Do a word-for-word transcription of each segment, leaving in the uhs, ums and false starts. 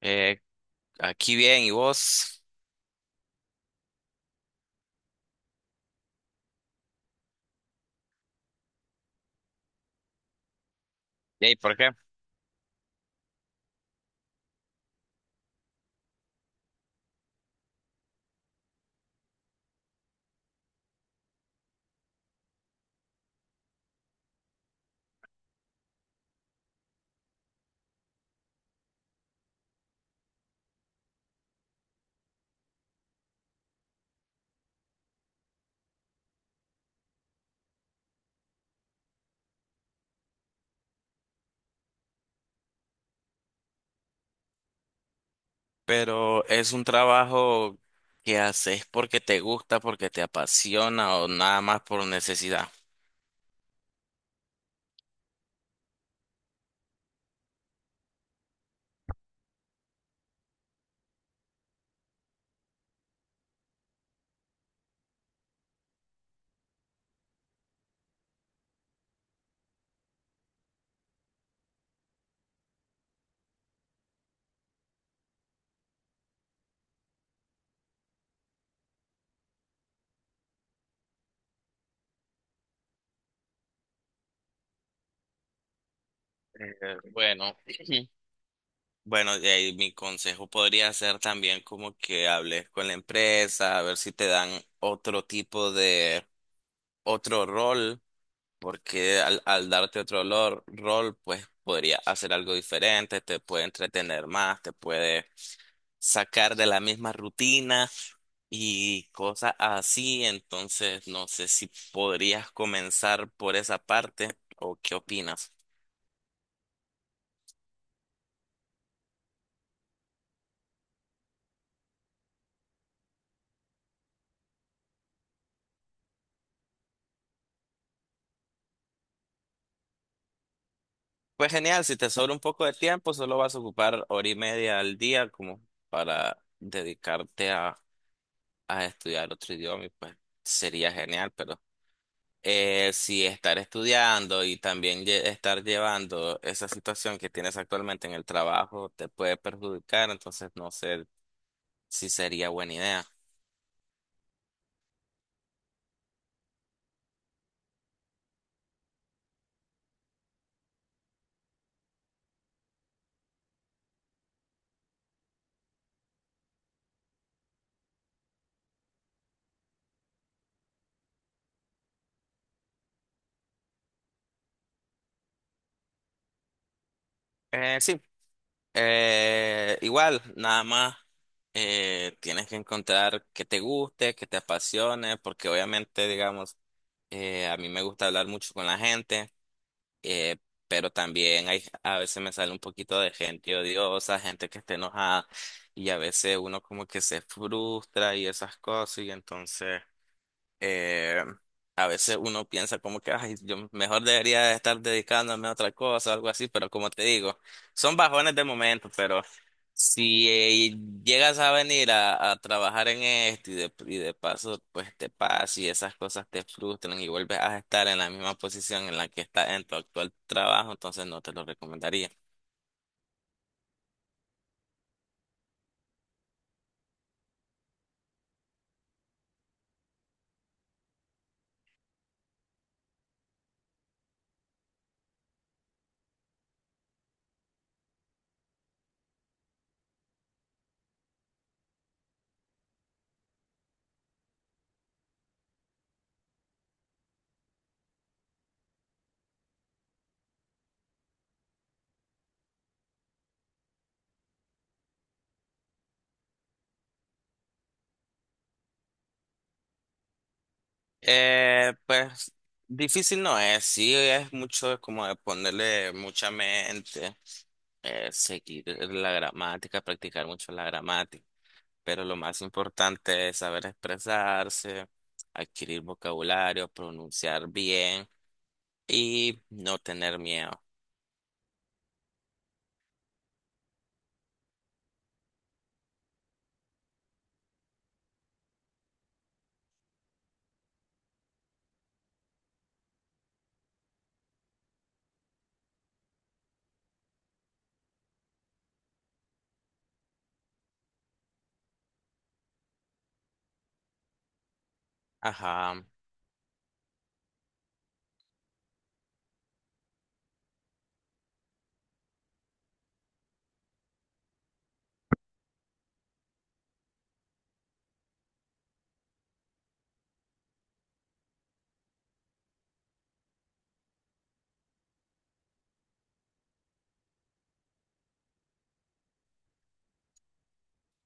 Eh, Aquí bien, ¿y vos? ¿Y por qué? Pero es un trabajo que haces porque te gusta, porque te apasiona o nada más por necesidad. Eh, bueno. Bueno, de ahí mi consejo podría ser también como que hables con la empresa, a ver si te dan otro tipo de, otro rol, porque al, al darte otro lor- rol, pues podría hacer algo diferente, te puede entretener más, te puede sacar de la misma rutina y cosas así. Entonces, no sé si podrías comenzar por esa parte o qué opinas. Pues genial, si te sobra un poco de tiempo, solo vas a ocupar hora y media al día como para dedicarte a, a estudiar otro idioma y pues sería genial, pero eh, si estar estudiando y también lle- estar llevando esa situación que tienes actualmente en el trabajo te puede perjudicar, entonces no sé si sería buena idea. Eh, sí, eh, igual, nada más eh, tienes que encontrar que te guste, que te apasione, porque obviamente, digamos, Eh, a mí me gusta hablar mucho con la gente, eh, pero también hay, a veces me sale un poquito de gente odiosa, gente que está enojada y a veces uno como que se frustra y esas cosas y entonces eh, a veces uno piensa como que, ay, yo mejor debería estar dedicándome a otra cosa, algo así, pero como te digo, son bajones de momento, pero si eh, llegas a venir a, a trabajar en esto y de, y de paso, pues te pasa y esas cosas te frustran y vuelves a estar en la misma posición en la que estás en tu actual trabajo, entonces no te lo recomendaría. Eh, pues difícil no es, sí, es mucho como de ponerle mucha mente, eh, seguir la gramática, practicar mucho la gramática, pero lo más importante es saber expresarse, adquirir vocabulario, pronunciar bien y no tener miedo. Ajá.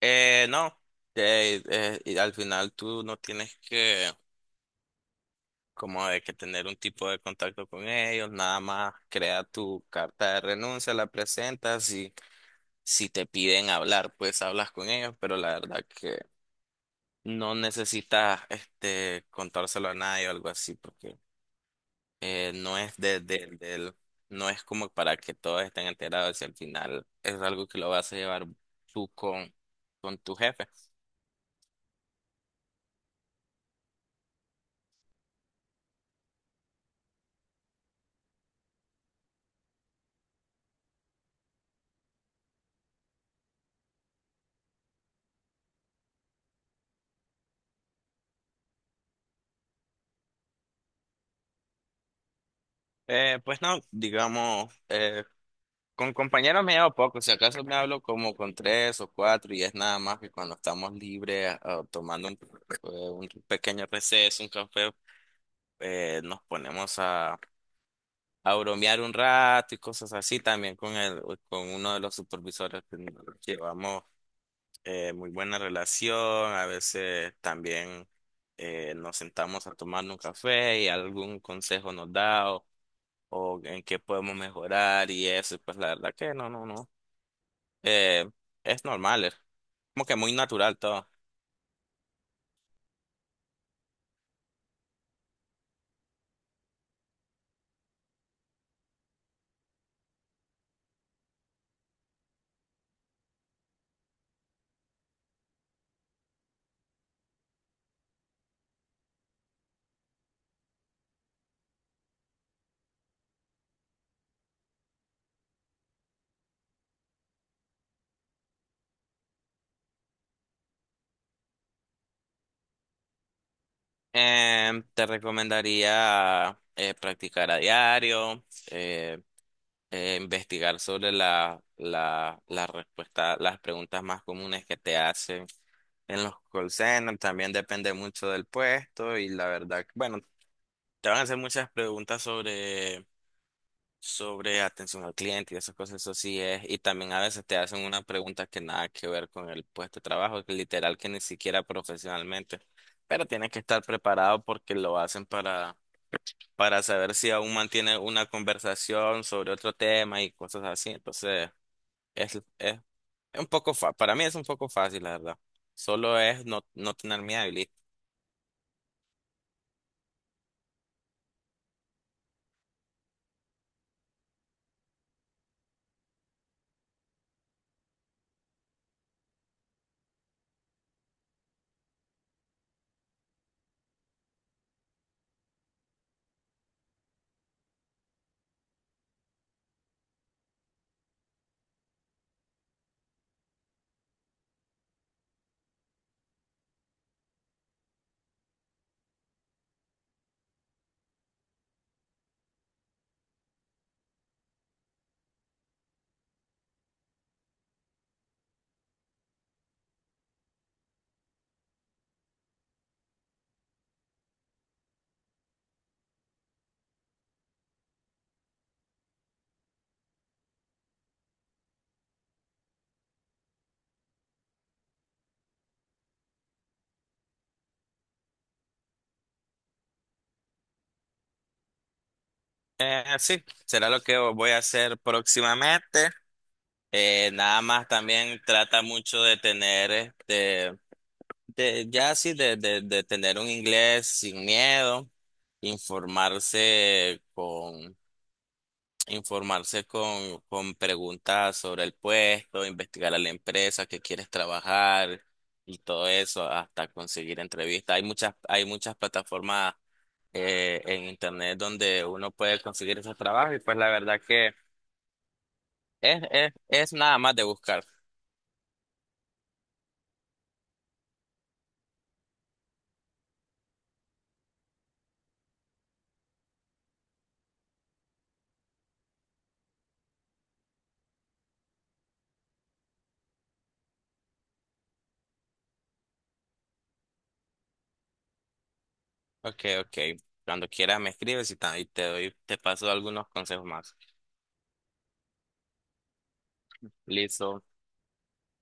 Eh, no, eh, eh, y al final tú no tienes que como de que tener un tipo de contacto con ellos, nada más crea tu carta de renuncia, la presentas y si te piden hablar, pues hablas con ellos, pero la verdad que no necesitas este contárselo a nadie o algo así, porque eh, no es de, de- del- no es como para que todos estén enterados y al final es algo que lo vas a llevar tú con, con tu jefe. Eh, pues no, digamos, eh, con compañeros me llevo poco, si acaso me hablo como con tres o cuatro y es nada más que cuando estamos libres, ah, tomando un, eh, un pequeño receso, un café, eh, nos ponemos a, a bromear un rato y cosas así también con el, con uno de los supervisores que llevamos eh, muy buena relación, a veces también eh, nos sentamos a tomar un café y algún consejo nos da o, o en qué podemos mejorar y eso, pues la verdad que no, no, no. Eh, es normal, es como que muy natural todo. Em, te recomendaría eh, practicar a diario, eh, eh, investigar sobre la, la, la respuesta, las preguntas más comunes que te hacen en los call centers. También depende mucho del puesto y la verdad, que, bueno, te van a hacer muchas preguntas sobre sobre atención al cliente y esas cosas, eso sí es. Y también a veces te hacen una pregunta que nada que ver con el puesto de trabajo, que literal que ni siquiera profesionalmente. Pero tienes que estar preparado porque lo hacen para, para saber si aún mantiene una conversación sobre otro tema y cosas así. Entonces, es, es, es un poco fa para mí es un poco fácil, la verdad. Solo es no, no tener miedo y listo. Eh, sí, será lo que voy a hacer próximamente. Eh, nada más también trata mucho de tener, este, de, ya sí, de, de, de tener un inglés sin miedo, informarse con, informarse con, con preguntas sobre el puesto, investigar a la empresa que quieres trabajar y todo eso hasta conseguir entrevistas. Hay muchas, hay muchas plataformas eh, en internet donde uno puede conseguir esos trabajos y pues la verdad que es, es, es nada más de buscar. Ok, ok. Cuando quieras me escribes y ta- y te doy, te paso algunos consejos más. Listo.